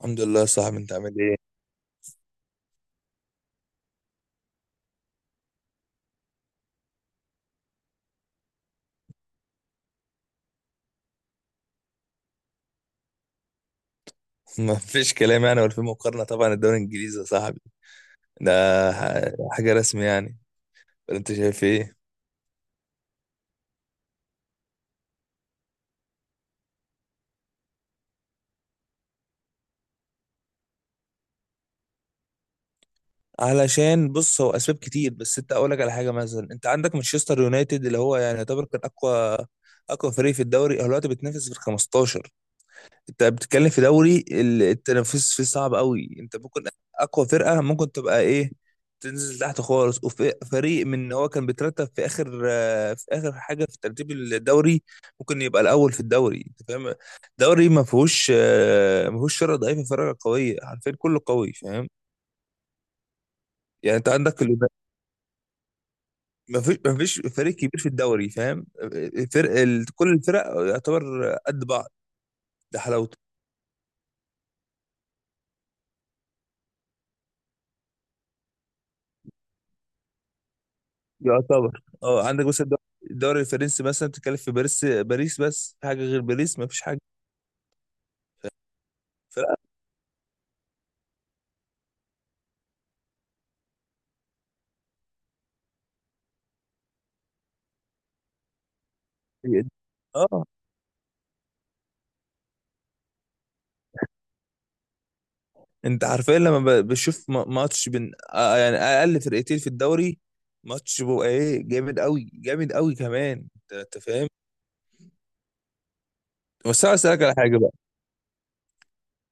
الحمد لله يا صاحبي، انت عامل ايه؟ ما فيش كلام يعني ولا في مقارنة. طبعا الدوري الانجليزي يا صاحبي ده حاجة رسمي يعني. ولا انت شايف ايه؟ علشان بص، هو اسباب كتير، بس انت اقول لك على حاجة. مثلا انت عندك مانشستر يونايتد، اللي هو يعني يعتبر كان اقوى فريق في الدوري، هو دلوقتي بتنافس في ال 15. انت بتتكلم في دوري التنافس فيه صعب قوي. انت ممكن اقوى فرقه ممكن تبقى ايه، تنزل تحت خالص، وفريق من ان هو كان بيترتب في اخر في اخر حاجه في ترتيب الدوري ممكن يبقى الاول في الدوري. انت فاهم؟ دوري ما فيهوش فرقه ضعيفه فرقه قويه، عارفين كله قوي، فاهم؟ يعني انت عندك ما فيش فريق كبير في الدوري، فاهم؟ كل الفرق يعتبر قد بعض، ده حلاوته. يعتبر اه. عندك مثلا الدوري، الدوري الفرنسي مثلا بتتكلم في باريس، باريس بس، في حاجه غير باريس؟ ما فيش حاجه. فلا. اه، انت حرفيا لما بشوف ماتش بين يعني اقل فرقتين في الدوري، ماتش بيبقى ايه، جامد قوي، جامد قوي كمان، انت فاهم؟ بس انا اسالك على حاجه بقى.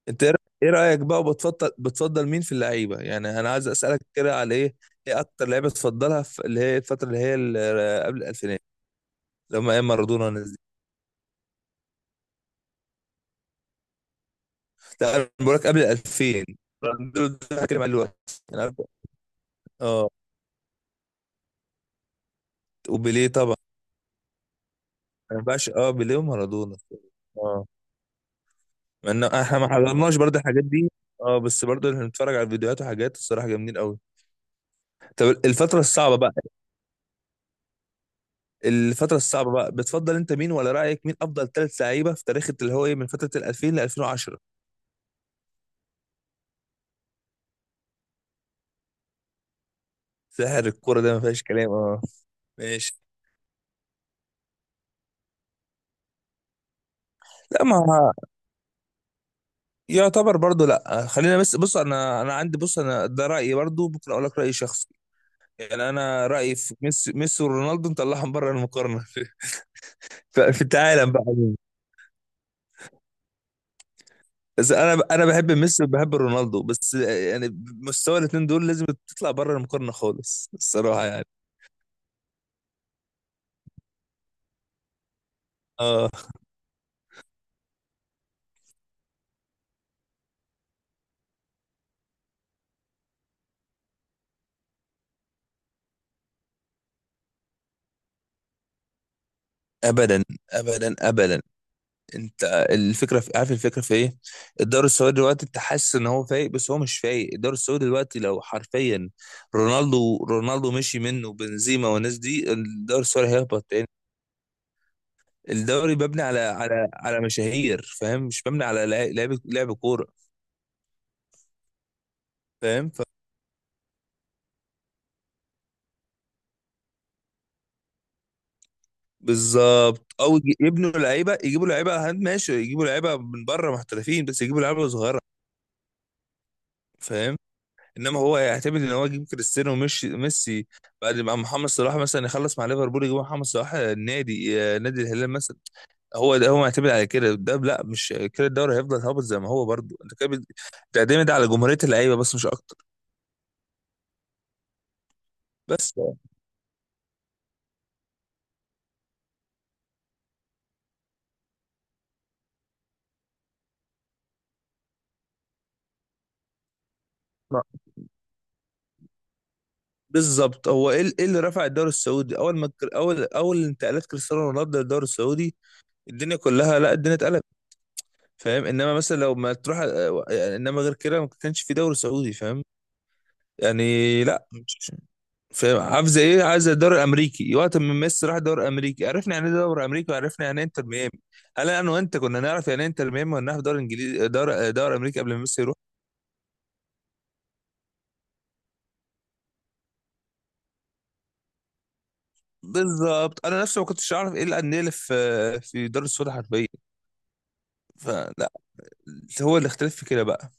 انت ايه رأ- إيه رايك بقى، وبتفضل، بتفضل مين في اللعيبه؟ يعني انا عايز اسالك كده على ايه، ايه اكتر لعيبه تفضلها في اللي هي الفتره اللي هي قبل الالفينات، لما ايام مارادونا. لا انا بقول لك قبل 2000. رونالدو ده هتكلم عليه دلوقتي. انا أبدأ- اه، وبيليه طبعا. ما ينفعش، اه، بيليه ومارادونا. اه، مع ان احنا ما حضرناش برضه الحاجات دي، اه، بس برضه احنا بنتفرج على الفيديوهات وحاجات، الصراحه جامدين قوي. طب الفتره الصعبه بقى، الفتره الصعبه بقى بتفضل انت مين؟ ولا رايك مين افضل ثلاث لعيبه في تاريخ اللي هو ايه من فتره ال 2000 ل 2010؟ ساحر الكوره ده ما فيهاش كلام، اه. ماشي. لا ما يعتبر برضه. لا خلينا، بس بص انا انا عندي، بص انا ده رايي برضه، ممكن اقول لك راي شخصي. يعني انا رايي في ميسي، ميسي ورونالدو نطلعهم بره المقارنه في في في العالم بقى عموماً. بس انا انا بحب ميسي وبحب رونالدو، بس يعني مستوى الاثنين دول لازم تطلع بره المقارنه خالص، الصراحه، يعني. اه. ابدا، ابدا، ابدا. انت الفكره في، عارف الفكره في ايه؟ الدوري السعودي دلوقتي انت حاسس ان هو فايق، بس هو مش فايق. الدوري السعودي دلوقتي لو حرفيا رونالدو مشي منه، بنزيما والناس دي، الدوري السعودي هيهبط تاني. الدوري مبني على على مشاهير، فاهم؟ مش مبني على لعب، لعب كوره، فاهم؟ ف... بالظبط، او يبنوا لعيبه، يجيبوا لعيبه هاند، ماشي يجيبوا لعيبه من بره محترفين، بس يجيبوا لعيبه صغيره، فاهم؟ انما هو يعتمد ان هو يجيب كريستيانو وميسي. بعد ما محمد صلاح مثلا يخلص مع ليفربول، يجيب محمد صلاح النادي، نادي الهلال مثلا. هو ده، هو معتمد على كده. ده لا، مش كده الدوري هيفضل هابط زي ما هو، برضه انت كده بتعتمد على جمهوريه اللعيبه بس، مش اكتر. بس. بالظبط، هو ايه، إيه اللي رفع الدوري السعودي اول ما اول انتقالات كريستيانو رونالدو للدوري السعودي؟ الدنيا كلها، لا الدنيا اتقلبت، فاهم؟ انما مثلا لو ما تروح، يعني انما غير كده ما كانش في دوري سعودي، فاهم؟ يعني لا مش، فاهم عاوزه ايه؟ عايزه الدوري الامريكي وقت ما ميسي راح الدوري الامريكي، عرفنا يعني ايه دوري امريكي، وعرفنا يعني ايه انتر ميامي. هل انا وانت كنا نعرف يعني ايه انتر ميامي؟ ولا نعرف دوري انجليزي، دوري امريكي قبل ما ميسي يروح؟ بالظبط، انا نفسي ما كنتش اعرف ايه الانديه اللي في في الدوري السعودي حرفيا. فلا، هو الاختلاف في كده بقى.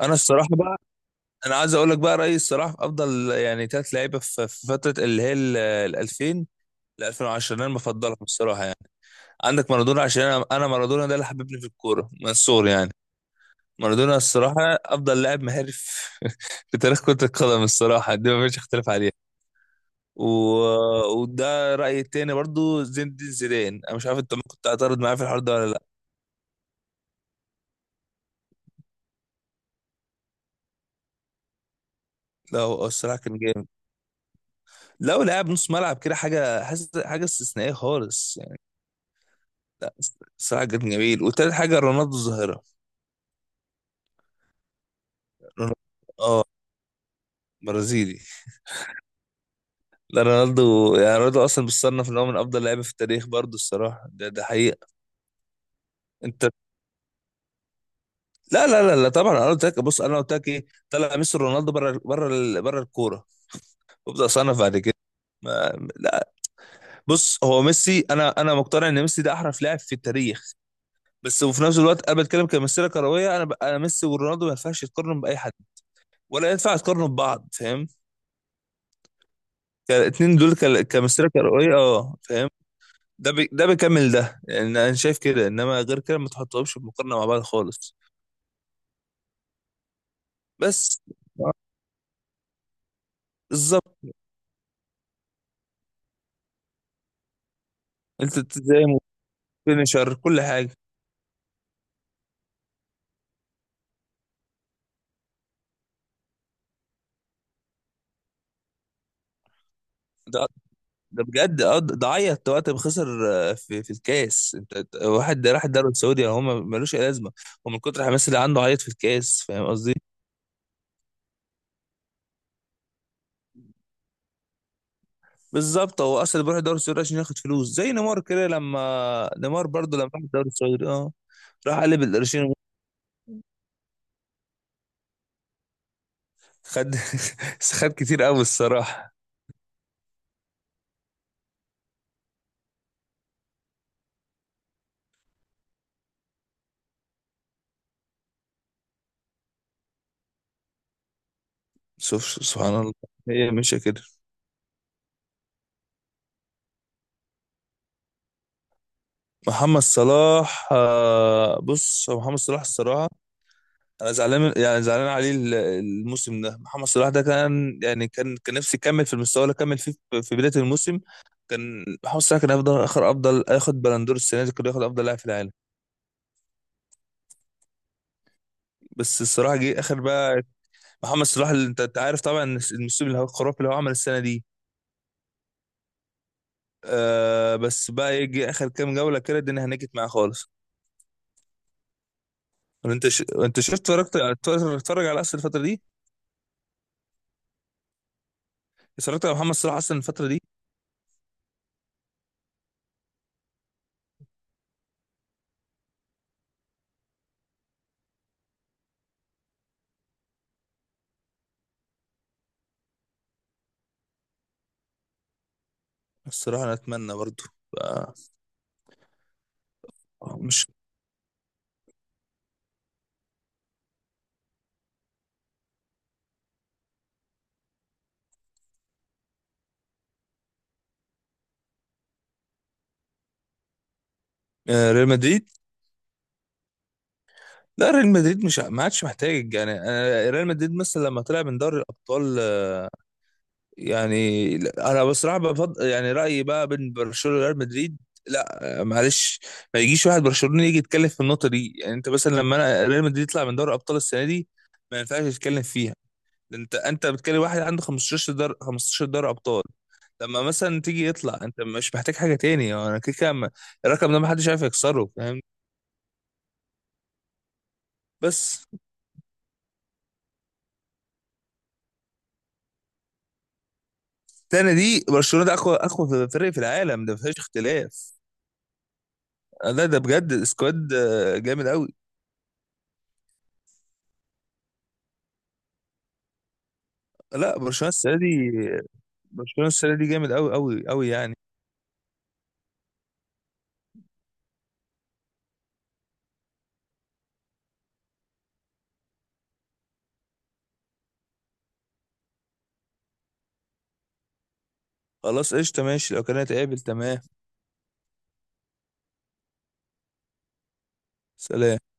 انا الصراحه بقى، انا عايز اقول لك بقى رايي الصراحه في افضل يعني ثلاث لعيبه في في فتره اللي هي ال 2000 ل 2010، انا بفضلهم الصراحه يعني. عندك مارادونا، عشان انا انا مارادونا ده اللي حببني في الكوره من الصغر يعني. مارادونا الصراحه افضل لاعب مهاري في في تاريخ كره القدم، الصراحه دي ما فيش اختلاف عليها. و... وده رايي التاني برضو، زين الدين زيدان، انا مش عارف انت ممكن تعترض معايا في الحوار ده ولا لا. لا هو الصراحه كان جامد، لو لاعب نص ملعب كده حاجه، حاجه استثنائيه خالص. لا الصراحة كان جميل. وتالت حاجة رونالدو الظاهرة. رونالدو، اه، برازيلي. لا رونالدو يعني، رونالدو اصلا بيصنف ان هو من افضل لعيبه في التاريخ برضه، الصراحه ده ده حقيقه. انت، لا لا لا لا طبعا، انا قلت لك بص، انا قلت لك ايه، طلع ميسي رونالدو بره، بره بره الكوره، وابدا اصنف بعد كده. ما لا، بص هو ميسي، انا انا مقتنع ان ميسي ده احرف لاعب في التاريخ، بس وفي نفس الوقت انا بتكلم كمسيره كرويه. انا ميسي ورونالدو ما ينفعش يتقارنوا باي حد ولا ينفع يتقارنوا ببعض، فاهم؟ كان الاتنين دول كمسيرة كروية، اه، فاهم؟ ده بيكمل ده، يعني انا شايف كده، انما غير كده ما تحطهمش بمقارنة مع بعض خالص. بس، آه، بالظبط. انت تزايم وفينيشر، كل حاجة. ده ده بجد، اه، ده عيط وقت ما خسر في في الكاس. واحد ده راح الدوري السعودي، هو ملوش اي لازمه، ومن كتر الحماس اللي عنده عيط في الكاس، فاهم قصدي؟ بالظبط، هو اصلا بيروح الدوري السعودي عشان ياخد فلوس، زي نيمار كده لما نيمار برضه لما راح الدوري السعودي، اه، راح قلب القرشين. خد، خد كتير قوي الصراحة. شوف سبحان الله، هي ماشية كده. محمد صلاح، بص هو محمد صلاح الصراحة، أنا يعني زعلان عليه الموسم ده. محمد صلاح ده كان يعني، كان نفسي يكمل في المستوى اللي كمل فيه في في بداية الموسم. كان محمد صلاح كان أفضل، آخر أفضل، ياخد بلندور السنة دي، كان ياخد أفضل لاعب في العالم. بس الصراحة جه آخر بقى محمد صلاح اللي أنت عارف طبعا الموسم الخرافي اللي هو عمل السنة دي. آه بس بقى يجي آخر كام جولة كده، الدنيا هنجت معاه خالص. انت شفت، اتفرجت؟ اتفرج على اصل الفتره دي. اتفرجت على محمد صلاح اصلا الفتره دي؟ الصراحه انا اتمنى برضو، آه، مش، ريال مدريد. لا ريال مدريد مش، ما عادش محتاج يعني، ريال مدريد مثلا لما طلع من دوري الابطال، يعني لا، انا بصراحه بفضل يعني رايي بقى بين برشلونه وريال مدريد. لا، معلش، ما يجيش واحد برشلوني يجي يتكلم في النقطه دي. يعني انت مثلا لما انا ريال مدريد يطلع من دوري الابطال السنه دي ما ينفعش يتكلم فيها. انت بتكلم واحد عنده 15 دار، 15 دار ابطال. لما مثلا تيجي يطلع، انت مش محتاج حاجه تاني. هو انا كده الرقم ده محدش عارف يكسره، فاهم؟ بس التاني دي برشلونه ده اقوى فريق في العالم، ده مفيش اختلاف. لا ده بجد السكواد، جامد قوي. لا برشلونه السنه دي، برشلونه السنه دي جامد قوي يعني. خلاص قشطه، ماشي لو كانت قابل، تمام. سلام.